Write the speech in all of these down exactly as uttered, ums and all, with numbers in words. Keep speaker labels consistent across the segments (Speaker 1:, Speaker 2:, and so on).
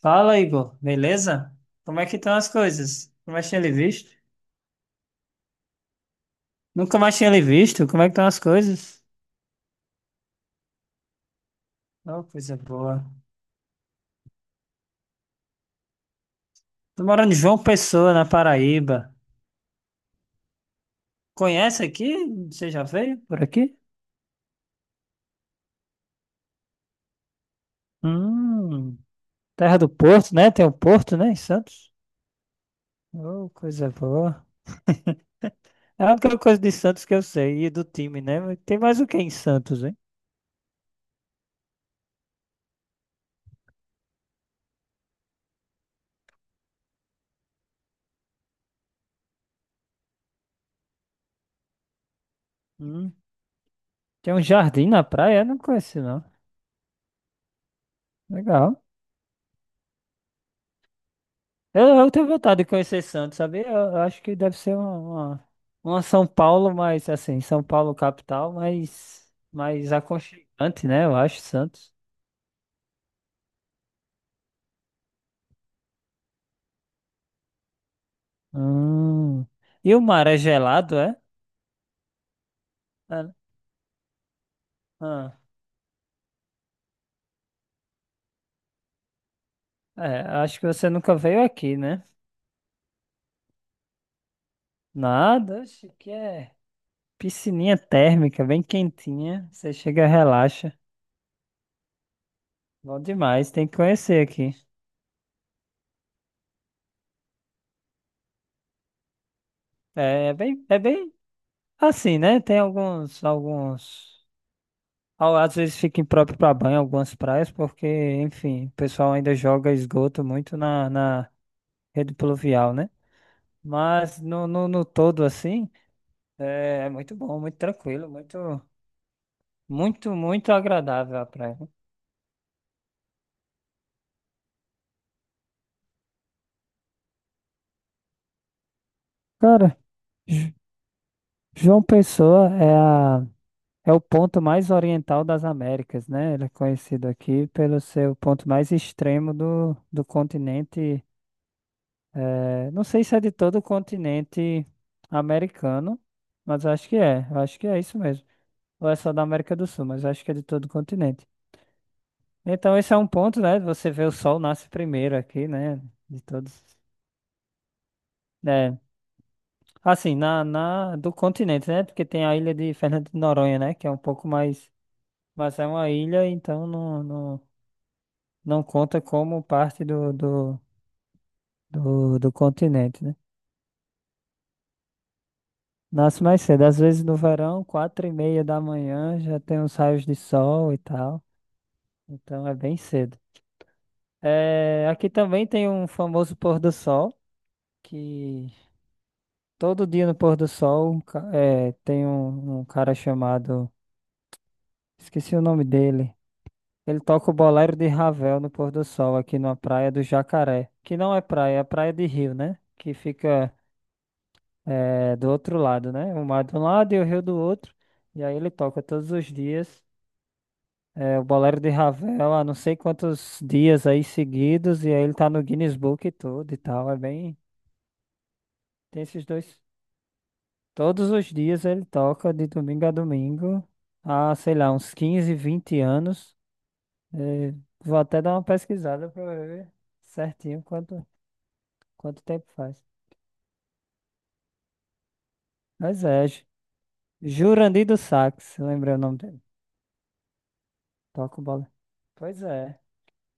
Speaker 1: Fala, Igor, beleza? Como é que estão as coisas? Nunca mais tinha lhe visto? Nunca mais tinha lhe visto? Como é que estão as coisas? Oh, coisa boa. Tô morando em João Pessoa, na Paraíba. Conhece aqui? Você já veio por aqui? Hum, Terra do Porto, né? Tem o Porto, né, em Santos? Oh, coisa boa. É a única coisa de Santos que eu sei, e do time, né? Mas tem mais o que em Santos, hein? Hum, Tem um jardim na praia? Eu não conheço, não. Legal. Eu, eu tenho vontade de conhecer Santos, sabe? Eu, eu acho que deve ser uma, uma, uma São Paulo, mas assim, São Paulo capital, mas mais aconchegante, né? Eu acho, Santos. Hum. E o mar é gelado, é? Ah, ah. É, acho que você nunca veio aqui, né? Nada, acho que é piscininha térmica, bem quentinha. Você chega, relaxa. Bom demais, tem que conhecer aqui. É, é bem, é bem assim, né? Tem alguns, alguns. Ao- Às vezes fica impróprio para banho algumas praias, porque, enfim, o pessoal ainda joga esgoto muito na, na rede pluvial, né? Mas no, no, no todo, assim, é, é muito bom, muito tranquilo, muito, muito, muito agradável a praia. Cara, J- João Pessoa é a, é o ponto mais oriental das Américas, né? Ele é conhecido aqui pelo seu ponto mais extremo do, do continente. É, não sei se é de todo o continente americano, mas acho que é. Acho que é isso mesmo. Ou é só da América do Sul, mas acho que é de todo o continente. Então, esse é um ponto, né? Você vê, o sol nasce primeiro aqui, né? De todos. Né? Assim, na, na, do continente, né? Porque tem a ilha de Fernando de Noronha, né? Que é um pouco mais. Mas é uma ilha, então não, não, não conta como parte do, do, do, do continente, né? Nasce mais cedo, às vezes no verão, quatro e meia da manhã, já tem uns raios de sol e tal. Então é bem cedo. É, aqui também tem um famoso pôr do sol, que todo dia no pôr do sol um ca- é, tem um, um cara chamado. Esqueci o nome dele. Ele toca o bolero de Ravel no pôr do sol, aqui na praia do Jacaré. Que não é praia, é praia de rio, né? Que fica é, do outro lado, né? O mar de um lado e o rio do outro. E aí ele toca todos os dias. É, o Bolero de Ravel há não sei quantos dias aí seguidos, e aí ele tá no Guinness Book e tudo e tal. É bem. Tem esses dois. Todos os dias ele toca, de domingo a domingo, há, sei lá, uns quinze, vinte anos. É, vou até dar uma pesquisada pra ver certinho quanto, quanto tempo faz. Mas é, Ju- Jurandir do Sax, lembrei o nome dele. Toca o Bolero. Pois é.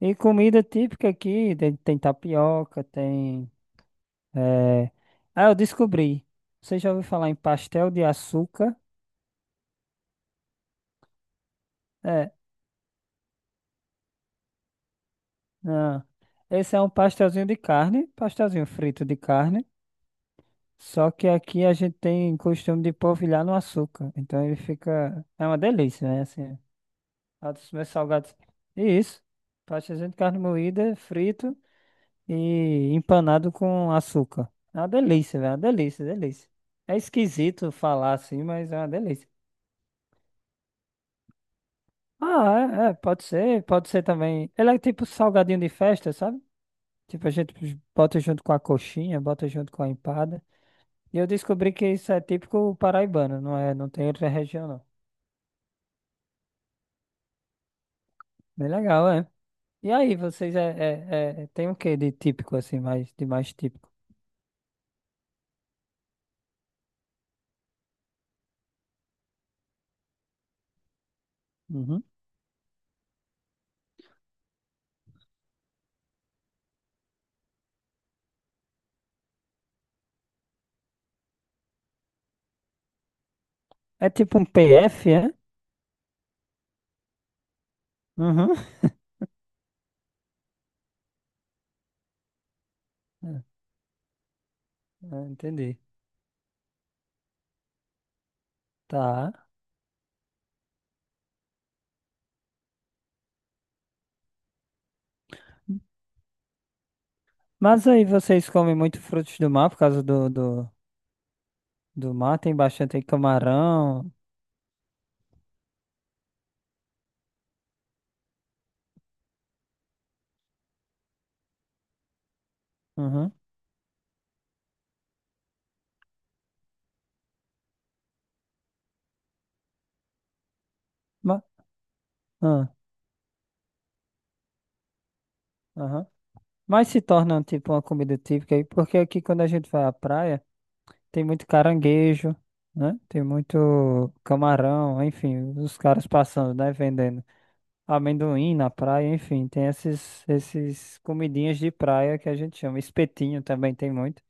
Speaker 1: E comida típica aqui, tem tem tapioca, tem. É... Ah, eu descobri. Você já ouviu falar em pastel de açúcar? É, não. Esse é um pastelzinho de carne, pastelzinho frito de carne. Só que aqui a gente tem costume de polvilhar no açúcar. Então ele fica. É uma delícia, né? Assim, é um dos meus salgados. E isso. Pastelzinho de carne moída, frito e empanado com açúcar. É uma delícia, velho. É uma delícia, delícia. É esquisito falar assim, mas é uma delícia. Ah, é, é, pode ser, pode ser também. Ele é tipo salgadinho de festa, sabe? Tipo, a gente bota junto com a coxinha, bota junto com a empada. E eu descobri que isso é típico paraibano, não é? Não tem outra região, não. Bem legal, é. E aí, vocês é, é, é- tem o que de típico, assim, mais, de mais típico? Uhum. É tipo um P F, é? Uhum. É, é, entendi. Tá. Mas aí vocês comem muito frutos do mar por causa do, do, do mar, tem bastante aí camarão. Uhum. Ma- ah. Aham. Mas se torna tipo uma comida típica aí, porque aqui quando a gente vai à praia, tem muito caranguejo, né? Tem muito camarão, enfim, os caras passando, né? Vendendo amendoim na praia, enfim, tem esses, esses comidinhas de praia que a gente chama. Espetinho também tem muito.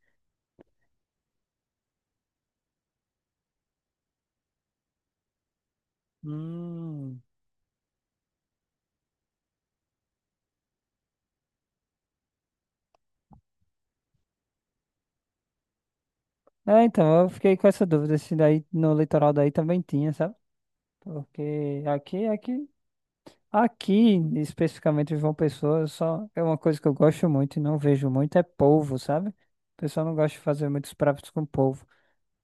Speaker 1: Hum. É, então, eu fiquei com essa dúvida se daí no litoral daí também tinha, sabe? Porque aqui, aqui, aqui, especificamente em João Pessoa, só é uma coisa que eu gosto muito e não vejo muito, é polvo, sabe? O pessoal não gosta de fazer muitos pratos com polvo.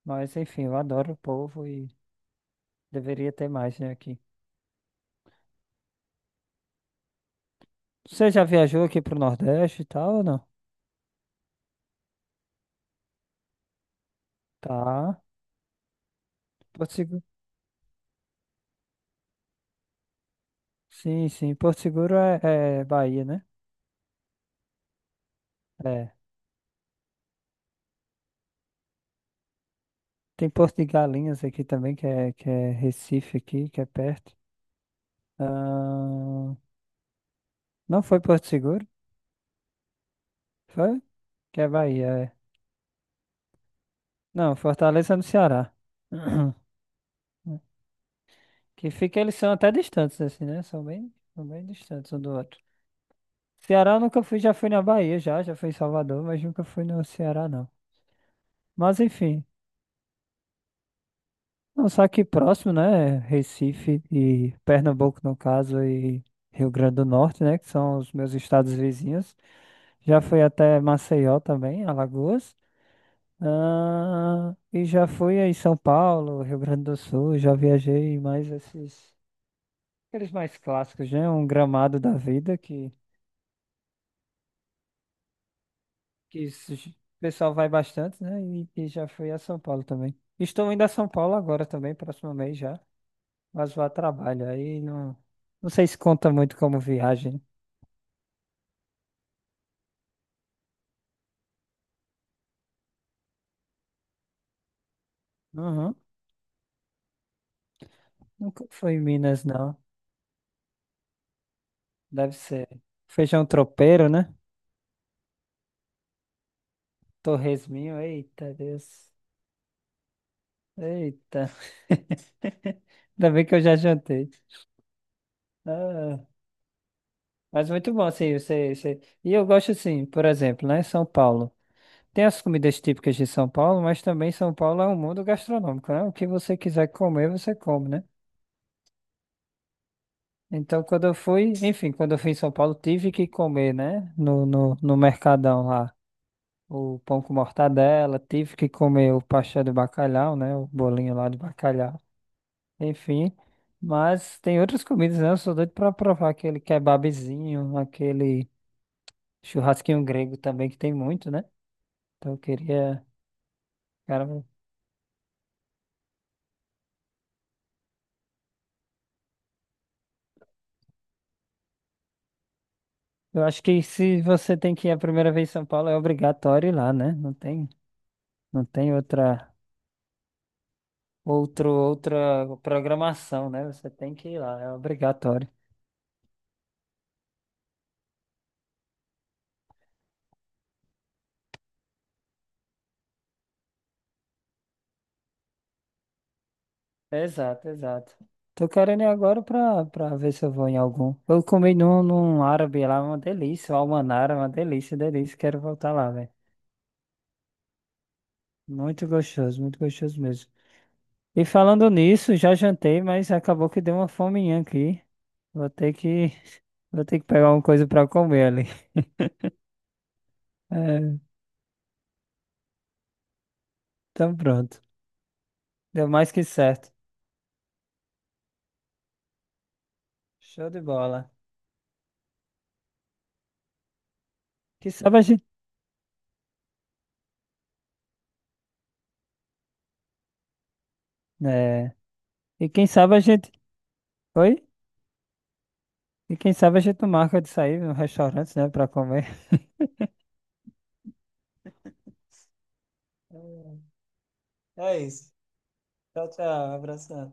Speaker 1: Mas, enfim, eu adoro polvo e deveria ter mais, né, aqui. Você já viajou aqui pro Nordeste e tal, ou não? Tá. Porto Seguro. Sim, sim. Porto Seguro é, é Bahia, né? É. Tem Porto de Galinhas aqui também, que é, que é Recife aqui, que é perto. Ah, não foi Porto Seguro? Foi? Que é Bahia, é. Não, Fortaleza é no Ceará. Que fica, eles são até distantes, assim, né? São bem, são bem distantes um do outro. Ceará eu nunca fui, já fui na Bahia, já, já fui em Salvador, mas nunca fui no Ceará, não. Mas enfim, não, só aqui próximo, né? Recife e Pernambuco, no caso, e Rio Grande do Norte, né? Que são os meus estados vizinhos. Já fui até Maceió também, Alagoas. Ah, e já fui aí em São Paulo, Rio Grande do Sul, já viajei mais esses. Aqueles mais clássicos, né? Um gramado da vida que, que isso- o pessoal vai bastante, né? E, e já fui a São Paulo também. Estou indo a São Paulo agora também, próximo mês já. Mas vou a trabalho. Aí não, não sei se conta muito como viagem. Uhum. Nunca fui em Minas, não. Deve ser feijão tropeiro, né? Torresminho. Eita, Deus. Eita. Ainda bem que eu já jantei. Ah, mas muito bom, assim, você, você... E eu gosto, assim, por exemplo, né? São Paulo. Tem as comidas típicas de São Paulo, mas também São Paulo é um mundo gastronômico, né? O que você quiser comer, você come, né? Então, quando eu fui, enfim, quando eu fui em São Paulo, tive que comer, né? No, no, no Mercadão lá, o pão com mortadela, tive que comer o pastel de bacalhau, né? O bolinho lá de bacalhau, enfim. Mas tem outras comidas, né? Eu sou doido pra provar aquele kebabzinho, aquele churrasquinho grego também, que tem muito, né? Então, eu queria, cara. Eu acho que se você tem que ir a primeira vez em São Paulo, é obrigatório ir lá, né? Não tem, não tem outra, outro, outra programação, né? Você tem que ir lá, é obrigatório. Exato, exato. Tô querendo ir agora pra, pra ver se eu vou em algum. Eu comi num, num árabe lá, uma delícia, o almanara, uma delícia, delícia. Quero voltar lá, velho. Muito gostoso, muito gostoso mesmo. E falando nisso, já jantei, mas acabou que deu uma fominha aqui. Vou ter que, vou ter que pegar alguma coisa pra comer ali. Então pronto. Deu mais que certo. Show de bola. Quem sabe a gente. É. E quem sabe a gente. Oi? E quem sabe a gente não marca de sair no restaurante, né? Pra comer. É é isso. Tchau, tchau. Abração.